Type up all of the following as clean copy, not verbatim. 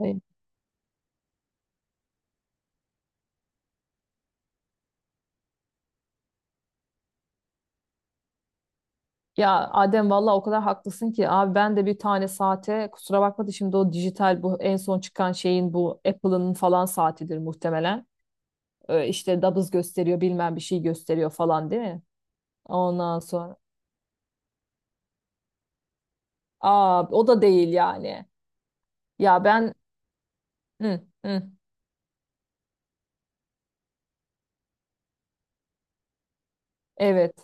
E, Ya Adem, valla o kadar haklısın ki abi. Ben de bir tane saate, kusura bakma da, şimdi o dijital, bu en son çıkan şeyin, bu Apple'ın falan saatidir muhtemelen. İşte nabız gösteriyor, bilmem bir şey gösteriyor falan, değil mi? Ondan sonra aa, o da değil yani. Ya ben Hı, hı, evet.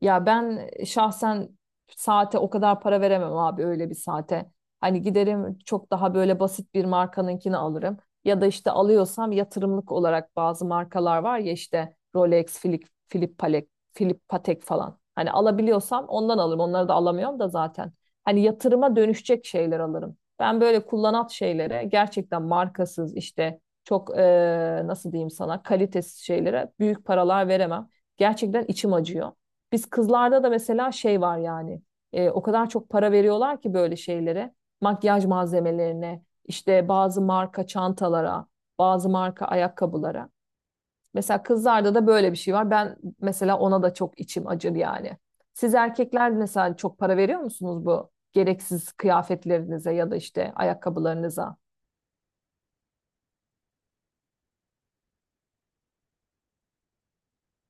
Ya ben şahsen saate o kadar para veremem abi, öyle bir saate. Hani giderim, çok daha böyle basit bir markanınkini alırım. Ya da işte alıyorsam yatırımlık olarak, bazı markalar var ya, işte Rolex, Philip, Philip Patek, Philip Patek falan. Hani alabiliyorsam ondan alırım. Onları da alamıyorum da zaten. Hani yatırıma dönüşecek şeyler alırım. Ben böyle kullanat şeylere, gerçekten markasız işte çok nasıl diyeyim sana, kalitesiz şeylere büyük paralar veremem. Gerçekten içim acıyor. Biz kızlarda da mesela şey var yani. O kadar çok para veriyorlar ki böyle şeylere. Makyaj malzemelerine, işte bazı marka çantalara, bazı marka ayakkabılara. Mesela kızlarda da böyle bir şey var. Ben mesela ona da çok içim acır yani. Siz erkekler mesela çok para veriyor musunuz bu gereksiz kıyafetlerinize ya da işte ayakkabılarınıza?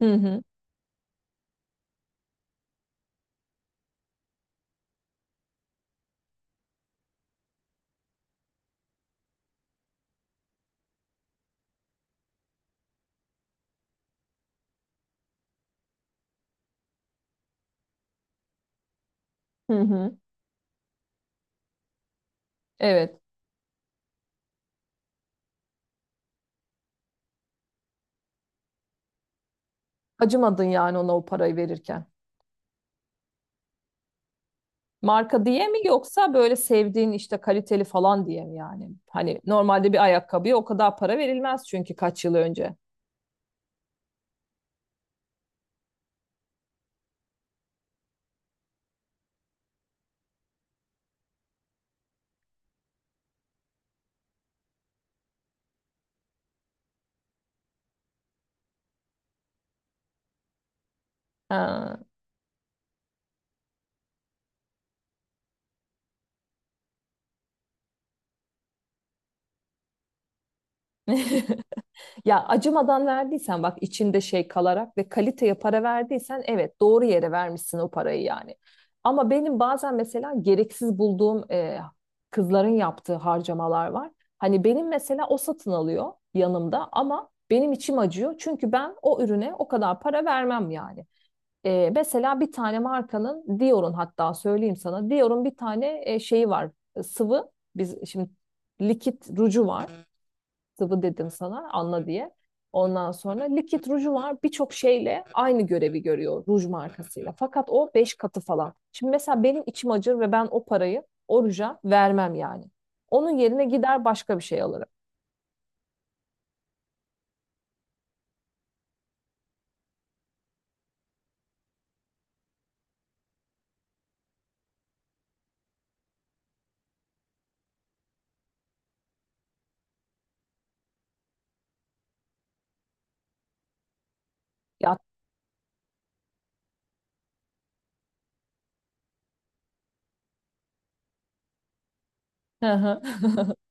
Hı hı. Hı hı. Evet. Acımadın yani ona o parayı verirken. Marka diye mi, yoksa böyle sevdiğin işte kaliteli falan diye mi yani? Hani normalde bir ayakkabıya o kadar para verilmez, çünkü kaç yıl önce. Ha. Ya acımadan verdiysen, bak içinde şey kalarak ve kaliteye para verdiysen, evet doğru yere vermişsin o parayı yani. Ama benim bazen mesela gereksiz bulduğum kızların yaptığı harcamalar var. Hani benim mesela o satın alıyor yanımda, ama benim içim acıyor. Çünkü ben o ürüne o kadar para vermem yani. E, mesela bir tane markanın, Dior'un hatta söyleyeyim sana. Dior'un bir tane şeyi var, sıvı, biz şimdi likit ruju var, sıvı dedim sana anla diye. Ondan sonra likit ruju var, birçok şeyle aynı görevi görüyor ruj markasıyla. Fakat o 5 katı falan. Şimdi mesela benim içim acır ve ben o parayı o ruja vermem yani. Onun yerine gider başka bir şey alırım. Ya. Hı hı.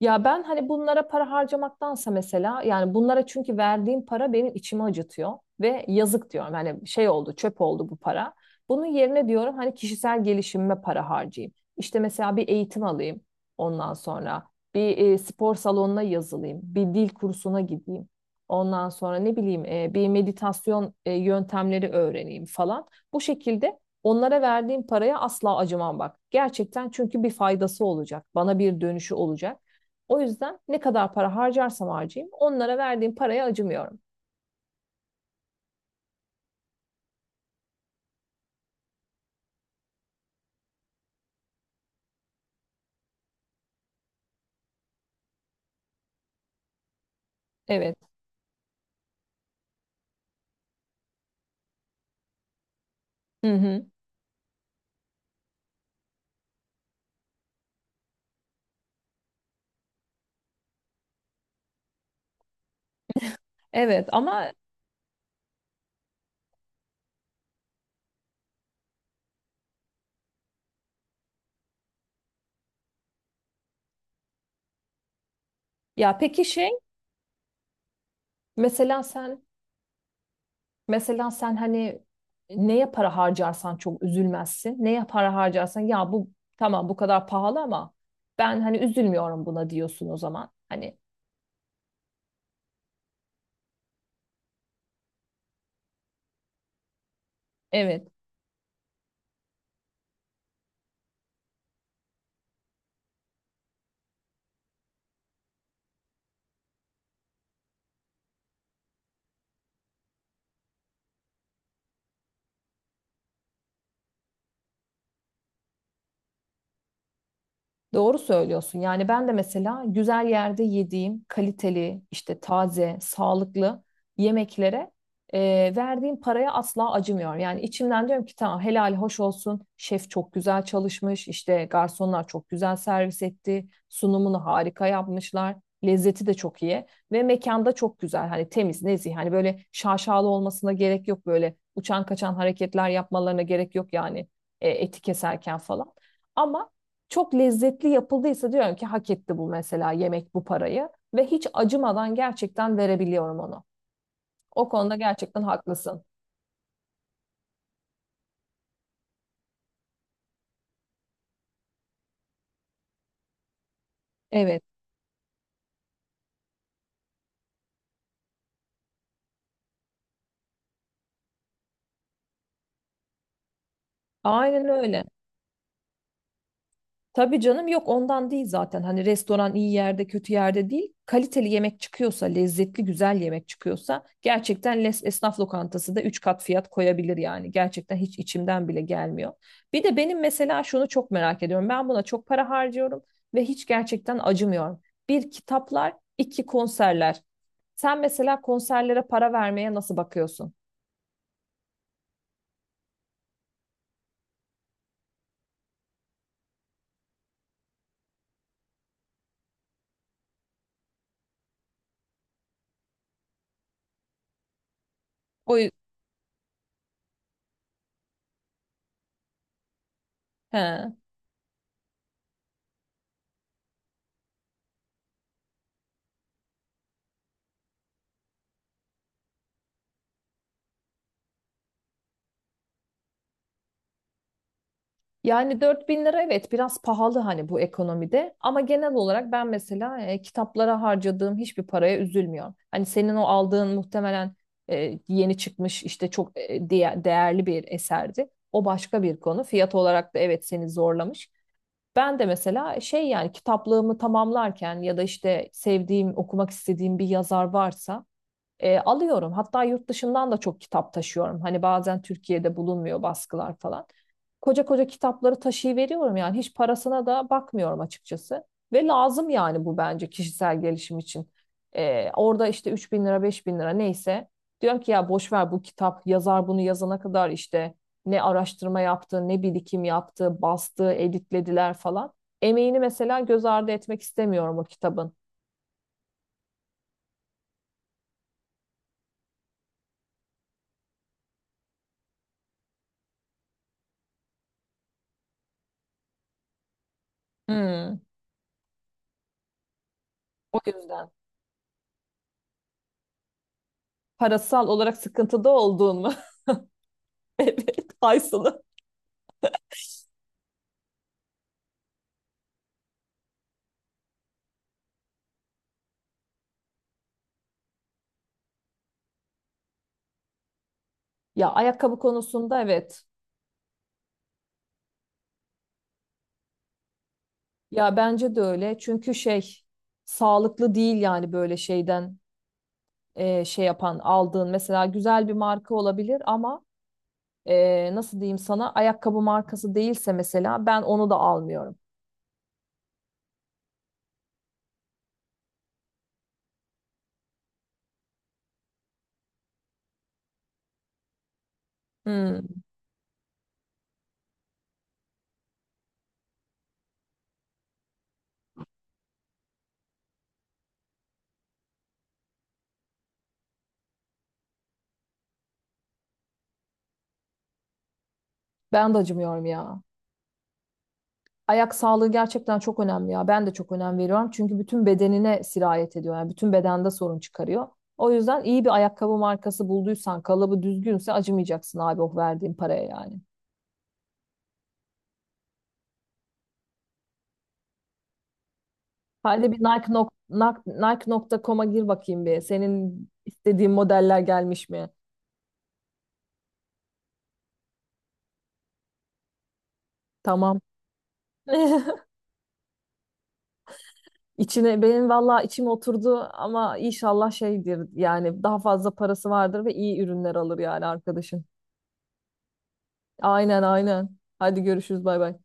Ya ben hani bunlara para harcamaktansa, mesela yani bunlara, çünkü verdiğim para benim içimi acıtıyor ve yazık diyorum. Hani şey oldu, çöp oldu bu para. Bunun yerine diyorum, hani kişisel gelişimime para harcayayım. İşte mesela bir eğitim alayım, ondan sonra bir spor salonuna yazılayım, bir dil kursuna gideyim. Ondan sonra ne bileyim, bir meditasyon yöntemleri öğreneyim falan. Bu şekilde onlara verdiğim paraya asla acımam bak. Gerçekten, çünkü bir faydası olacak. Bana bir dönüşü olacak. O yüzden ne kadar para harcarsam harcayayım, onlara verdiğim paraya acımıyorum. Evet. Hı hı. Evet ama. Ya peki şey, mesela sen, hani neye para harcarsan çok üzülmezsin. Neye para harcarsan ya bu, tamam bu kadar pahalı ama ben hani üzülmüyorum buna, diyorsun o zaman. Hani evet. Doğru söylüyorsun. Yani ben de mesela güzel yerde yediğim kaliteli, işte taze, sağlıklı yemeklere e, verdiğim paraya asla acımıyorum. Yani içimden diyorum ki, tamam helal hoş olsun. Şef çok güzel çalışmış. İşte garsonlar çok güzel servis etti. Sunumunu harika yapmışlar. Lezzeti de çok iyi ve mekanda çok güzel. Hani temiz, nezih. Hani böyle şaşalı olmasına gerek yok, böyle uçan kaçan hareketler yapmalarına gerek yok yani, eti keserken falan. Ama çok lezzetli yapıldıysa, diyorum ki hak etti bu mesela yemek bu parayı ve hiç acımadan gerçekten verebiliyorum onu. O konuda gerçekten haklısın. Evet, aynen öyle. Tabii canım, yok ondan değil zaten. Hani restoran iyi yerde kötü yerde değil. Kaliteli yemek çıkıyorsa, lezzetli güzel yemek çıkıyorsa, gerçekten les- esnaf lokantası da 3 kat fiyat koyabilir yani. Gerçekten hiç içimden bile gelmiyor. Bir de benim mesela şunu çok merak ediyorum. Ben buna çok para harcıyorum ve hiç gerçekten acımıyorum. Bir, kitaplar; iki, konserler. Sen mesela konserlere para vermeye nasıl bakıyorsun? O yüzden. Yani 4000 lira evet biraz pahalı hani bu ekonomide, ama genel olarak ben mesela kitaplara harcadığım hiçbir paraya üzülmüyorum. Hani senin o aldığın muhtemelen yeni çıkmış, işte çok değerli bir eserdi. O başka bir konu. Fiyat olarak da evet seni zorlamış. Ben de mesela şey yani, kitaplığımı tamamlarken ya da işte sevdiğim, okumak istediğim bir yazar varsa alıyorum. Hatta yurt dışından da çok kitap taşıyorum. Hani bazen Türkiye'de bulunmuyor baskılar falan. Koca koca kitapları taşıyıveriyorum yani. Hiç parasına da bakmıyorum açıkçası. Ve lazım yani bu, bence kişisel gelişim için. Orada işte 3000 bin lira, 5000 bin lira neyse. Diyorum ki ya boş ver bu kitap. Yazar bunu yazana kadar işte ne araştırma yaptı, ne birikim yaptı, bastı, editlediler falan. Emeğini mesela göz ardı etmek istemiyorum o kitabın. Hmm, o yüzden. Parasal olarak sıkıntıda olduğun mu? Evet, ay sonu. Ya ayakkabı konusunda evet. Ya bence de öyle. Çünkü şey, sağlıklı değil yani, böyle şeyden şey yapan aldığın mesela güzel bir marka olabilir ama nasıl diyeyim sana, ayakkabı markası değilse mesela, ben onu da almıyorum. Hmm, Ben de acımıyorum ya. Ayak sağlığı gerçekten çok önemli ya. Ben de çok önem veriyorum. Çünkü bütün bedenine sirayet ediyor. Yani bütün bedende sorun çıkarıyor. O yüzden iyi bir ayakkabı markası bulduysan, kalıbı düzgünse, acımayacaksın abi o verdiğin paraya yani. Hadi bir Nike nokta com'a gir bakayım bir. Senin istediğin modeller gelmiş mi? Tamam. İçine benim vallahi içim oturdu ama inşallah şeydir yani, daha fazla parası vardır ve iyi ürünler alır yani arkadaşın. Aynen, aynen. Hadi görüşürüz, bay bay.